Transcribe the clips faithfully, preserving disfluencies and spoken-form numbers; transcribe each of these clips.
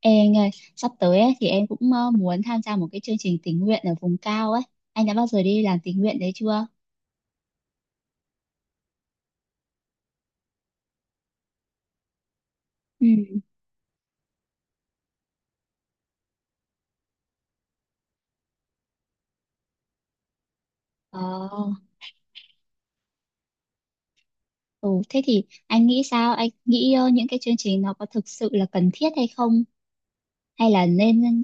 Ê anh ơi, sắp tới ấy, thì em cũng ờ, muốn tham gia một cái chương trình tình nguyện ở vùng cao ấy. Anh đã bao giờ đi làm tình nguyện đấy chưa? Ừ. Ờ, ừ, thế thì anh nghĩ sao? Anh nghĩ ờ, những cái chương trình nó có thực sự là cần thiết hay không? Hay là nên.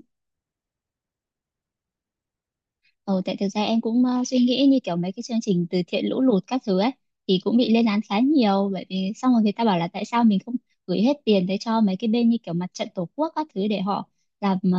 Ờ, tại thực ra em cũng ờ, suy nghĩ như kiểu mấy cái chương trình từ thiện lũ lụt các thứ ấy thì cũng bị lên án khá nhiều bởi vì xong rồi người ta bảo là tại sao mình không gửi hết tiền tới cho mấy cái bên như kiểu mặt trận tổ quốc các thứ để họ làm ờ,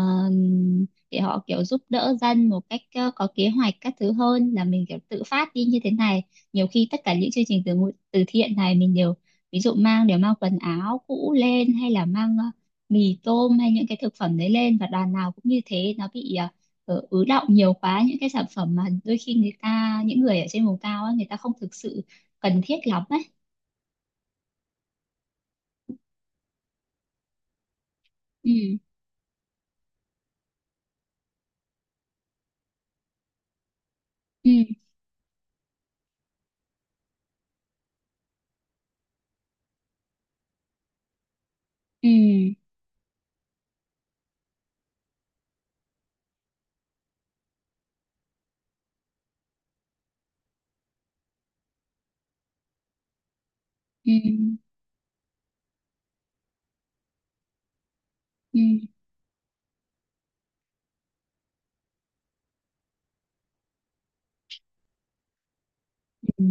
để họ kiểu giúp đỡ dân một cách ờ, có kế hoạch các thứ hơn là mình kiểu tự phát đi như thế này. Nhiều khi tất cả những chương trình từ ngụ- từ thiện này mình đều ví dụ mang đều mang quần áo cũ lên hay là mang ờ, mì tôm hay những cái thực phẩm đấy lên và đoàn nào cũng như thế nó bị ờ, ờ, ứ đọng nhiều quá những cái sản phẩm mà đôi khi người ta những người ở trên vùng cao á, người ta không thực sự cần thiết lắm ấy. Ừ, ừ, ừ, ừ, ừ, ừ,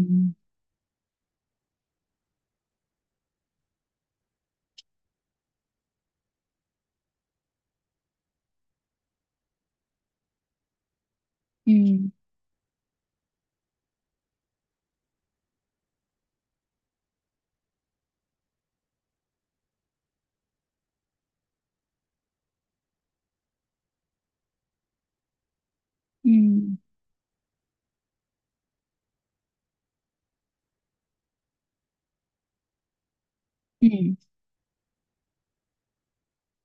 ừ, ừ, ừ, ừ.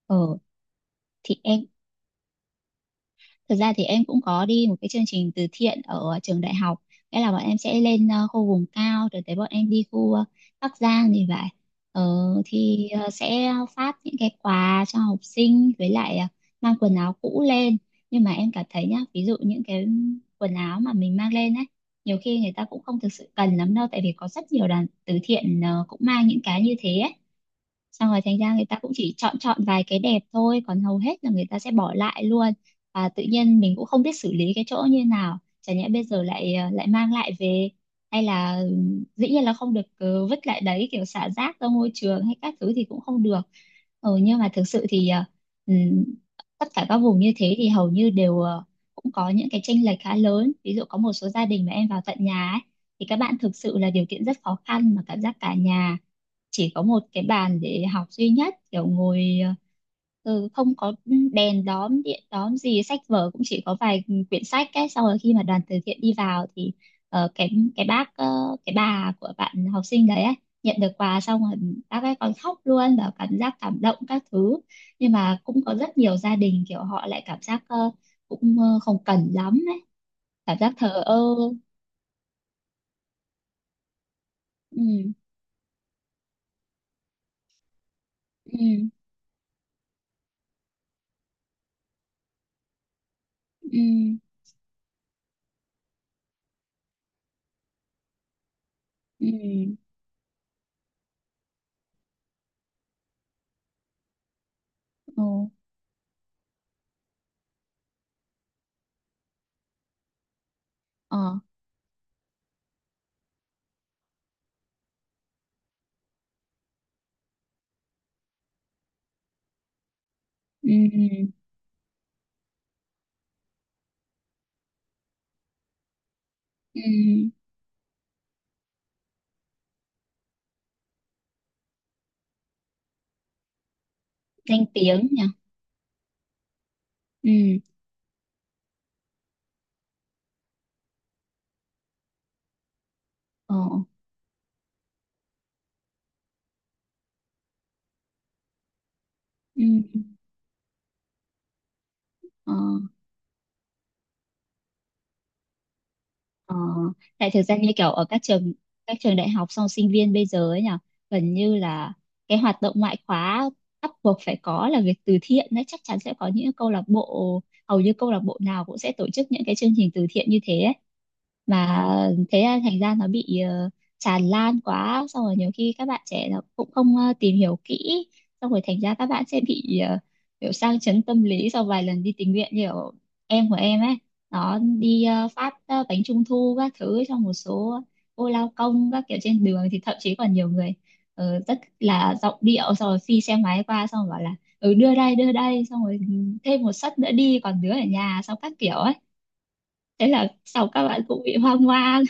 ờ thì em. Thực ra thì em cũng có đi một cái chương trình từ thiện ở trường đại học. Nghĩa là bọn em sẽ lên ờ, khu vùng cao rồi tới bọn em đi khu ờ, Bắc Giang thì vậy. Ờ, thì ờ, sẽ phát những cái quà cho học sinh với lại ờ, mang quần áo cũ lên. Nhưng mà em cảm thấy nhá, ví dụ những cái quần áo mà mình mang lên ấy, nhiều khi người ta cũng không thực sự cần lắm đâu tại vì có rất nhiều đoàn từ thiện ờ, cũng mang những cái như thế ấy, xong rồi thành ra người ta cũng chỉ chọn chọn vài cái đẹp thôi còn hầu hết là người ta sẽ bỏ lại luôn. Và tự nhiên mình cũng không biết xử lý cái chỗ như nào, chả nhẽ bây giờ lại ờ, lại mang lại về hay là ừm, dĩ nhiên là không được ờ, vứt lại đấy kiểu xả rác ra môi trường hay các thứ thì cũng không được. Ừ, nhưng mà thực sự thì ờ, ừm, tất cả các vùng như thế thì hầu như đều ờ, cũng có những cái chênh lệch khá lớn, ví dụ có một số gia đình mà em vào tận nhà ấy, thì các bạn thực sự là điều kiện rất khó khăn mà cảm giác cả nhà chỉ có một cái bàn để học duy nhất kiểu ngồi ờ, ừ, không có đèn đóm điện đóm gì, sách vở cũng chỉ có vài quyển sách ấy, xong rồi khi mà đoàn từ thiện đi vào thì ờ, cái cái bác ờ, cái bà của bạn học sinh đấy ấy, nhận được quà xong rồi bác ấy còn khóc luôn và cảm giác cảm động các thứ, nhưng mà cũng có rất nhiều gia đình kiểu họ lại cảm giác ờ, cũng ờ, không cần lắm ấy, cảm giác thờ ơ. Ừ, ừ, ừ, ừ, ừ, ờ, ờ, ừ, ừ, danh tiếng nhỉ, ừ, ờ, ừ, ờ. Ờ, tại thực ra như kiểu ở các trường các trường đại học xong sinh viên bây giờ ấy nhỉ, gần như là cái hoạt động ngoại khóa bắt buộc phải có là việc từ thiện đấy, chắc chắn sẽ có những câu lạc bộ, hầu như câu lạc bộ nào cũng sẽ tổ chức những cái chương trình từ thiện như thế ấy. Mà thế là thành ra nó bị ờ, tràn lan quá, xong rồi nhiều khi các bạn trẻ nó cũng không ờ, tìm hiểu kỹ, xong rồi thành ra các bạn sẽ bị ờ, kiểu sang chấn tâm lý sau vài lần đi tình nguyện, như kiểu em của em ấy đó đi ờ, phát ờ, bánh trung thu các thứ cho một số cô lao công các kiểu trên đường, thì thậm chí còn nhiều người ờ, rất là giọng điệu, xong rồi phi xe máy qua xong rồi bảo là ừ đưa đây đưa đây xong rồi ừ, thêm một suất nữa đi còn đứa ở nhà xong các kiểu ấy, thế là sau các bạn cũng bị hoang mang.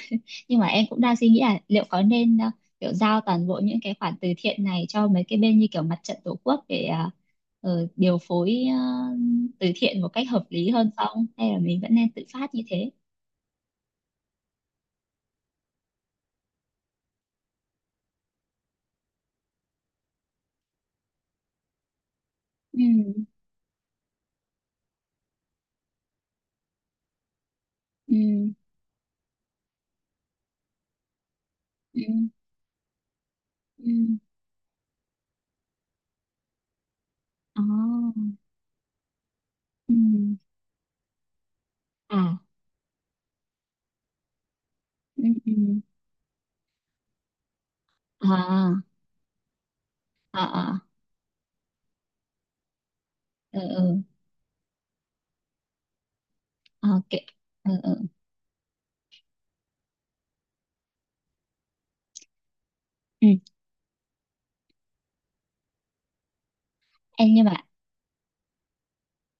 Nhưng mà em cũng đang suy nghĩ là liệu có nên ờ, kiểu giao toàn bộ những cái khoản từ thiện này cho mấy cái bên như kiểu mặt trận tổ quốc để ờ, ờ, điều phối ờ, từ thiện một cách hợp lý hơn không, hay là mình vẫn nên tự phát như thế. Ừ, ừ, ừ, ừ, ờ, ừ, à, ừ, ừ, à, à, à, ừ, ừ, ờ, ok, ừ, ừ, ừ. Em nhưng mà.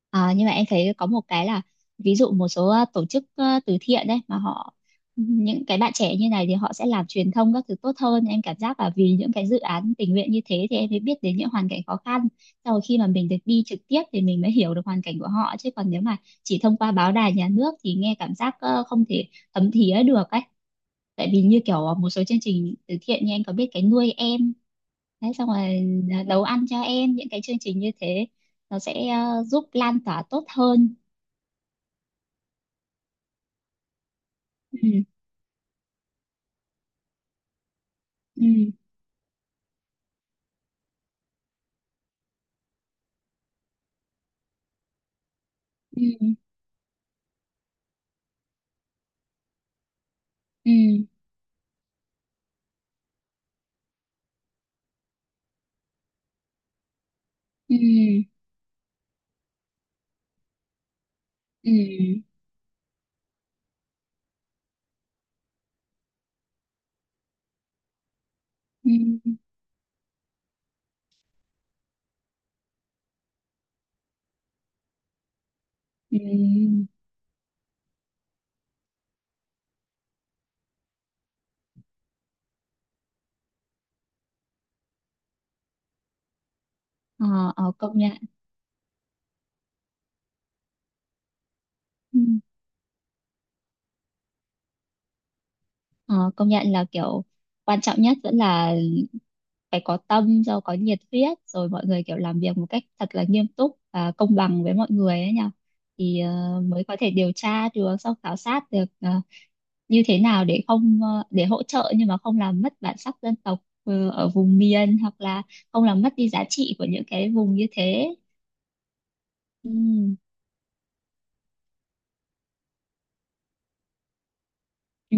À, nhưng mà em thấy có một cái là ví dụ một số ờ, tổ chức ờ, từ thiện đấy mà họ những cái bạn trẻ như này thì họ sẽ làm truyền thông các thứ tốt hơn, em cảm giác là vì những cái dự án tình nguyện như thế thì em mới biết đến những hoàn cảnh khó khăn, sau rồi khi mà mình được đi trực tiếp thì mình mới hiểu được hoàn cảnh của họ, chứ còn nếu mà chỉ thông qua báo đài nhà nước thì nghe cảm giác ờ, không thể thấm thía được ấy. Tại vì như kiểu ờ, một số chương trình từ thiện như anh có biết cái nuôi em. Đấy, xong rồi à, nấu ăn cho em, những cái chương trình như thế nó sẽ ờ, giúp lan tỏa tốt hơn. Ừ, ừ, ừ, ừ, ừ, ừ, ừ, ừ, ừ. Ờ, ờ, công nhận, ừ. Ờ, công nhận là kiểu quan trọng nhất vẫn là phải có tâm rồi có nhiệt huyết rồi mọi người kiểu làm việc một cách thật là nghiêm túc và công bằng với mọi người ấy nhỉ, thì ờ, mới có thể điều tra được sau khảo sát được ờ, như thế nào để không ờ, để hỗ trợ nhưng mà không làm mất bản sắc dân tộc ờ, ở vùng miền hoặc là không làm mất đi giá trị của những cái vùng như thế. Ừ, ừ,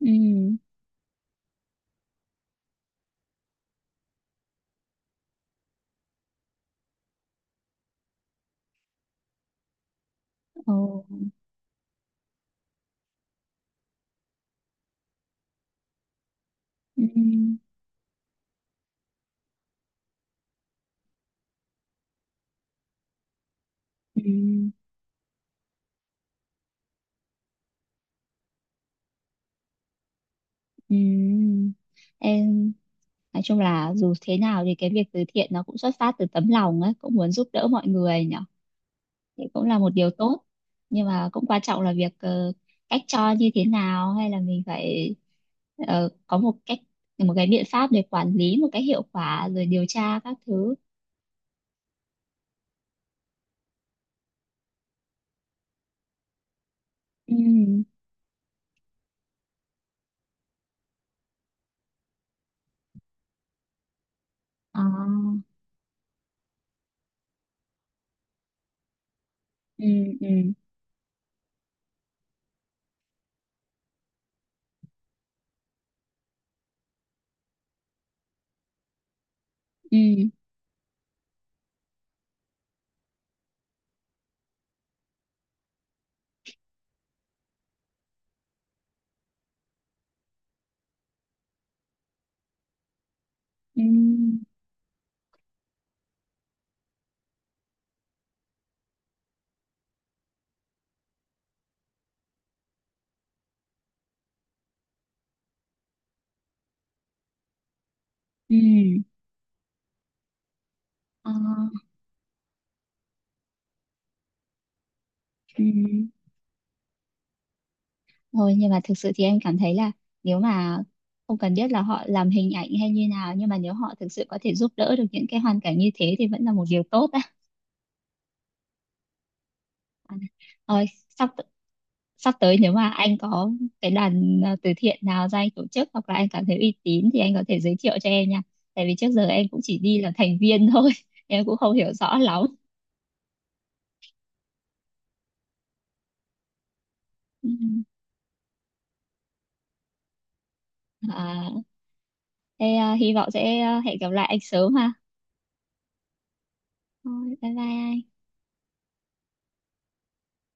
ừ, ồ, ừ, ừ, Ừ. Em nói chung là dù thế nào thì cái việc từ thiện nó cũng xuất phát từ tấm lòng ấy, cũng muốn giúp đỡ mọi người nhỉ. Thì cũng là một điều tốt. Nhưng mà cũng quan trọng là việc ờ, cách cho như thế nào hay là mình phải ờ, có một cách, một cái biện pháp để quản lý một cách hiệu quả rồi điều tra các thứ. Ừ. À. Ừ, ừ, ừ, ừ, ừ. À. Ừ. Thôi nhưng mà thực sự thì em cảm thấy là nếu mà không cần biết là họ làm hình ảnh hay như nào, nhưng mà nếu họ thực sự có thể giúp đỡ được những cái hoàn cảnh như thế thì vẫn là một điều tốt á. À, thôi sắp sắp tới nếu mà anh có cái đoàn à, từ thiện nào ra anh tổ chức hoặc là anh cảm thấy uy tín thì anh có thể giới thiệu cho em nha. Tại vì trước giờ em cũng chỉ đi là thành viên thôi, em cũng không hiểu rõ lắm. Ừ. À, thế à, hy vọng sẽ à, hẹn gặp lại anh sớm ha. Thôi, bye bye anh.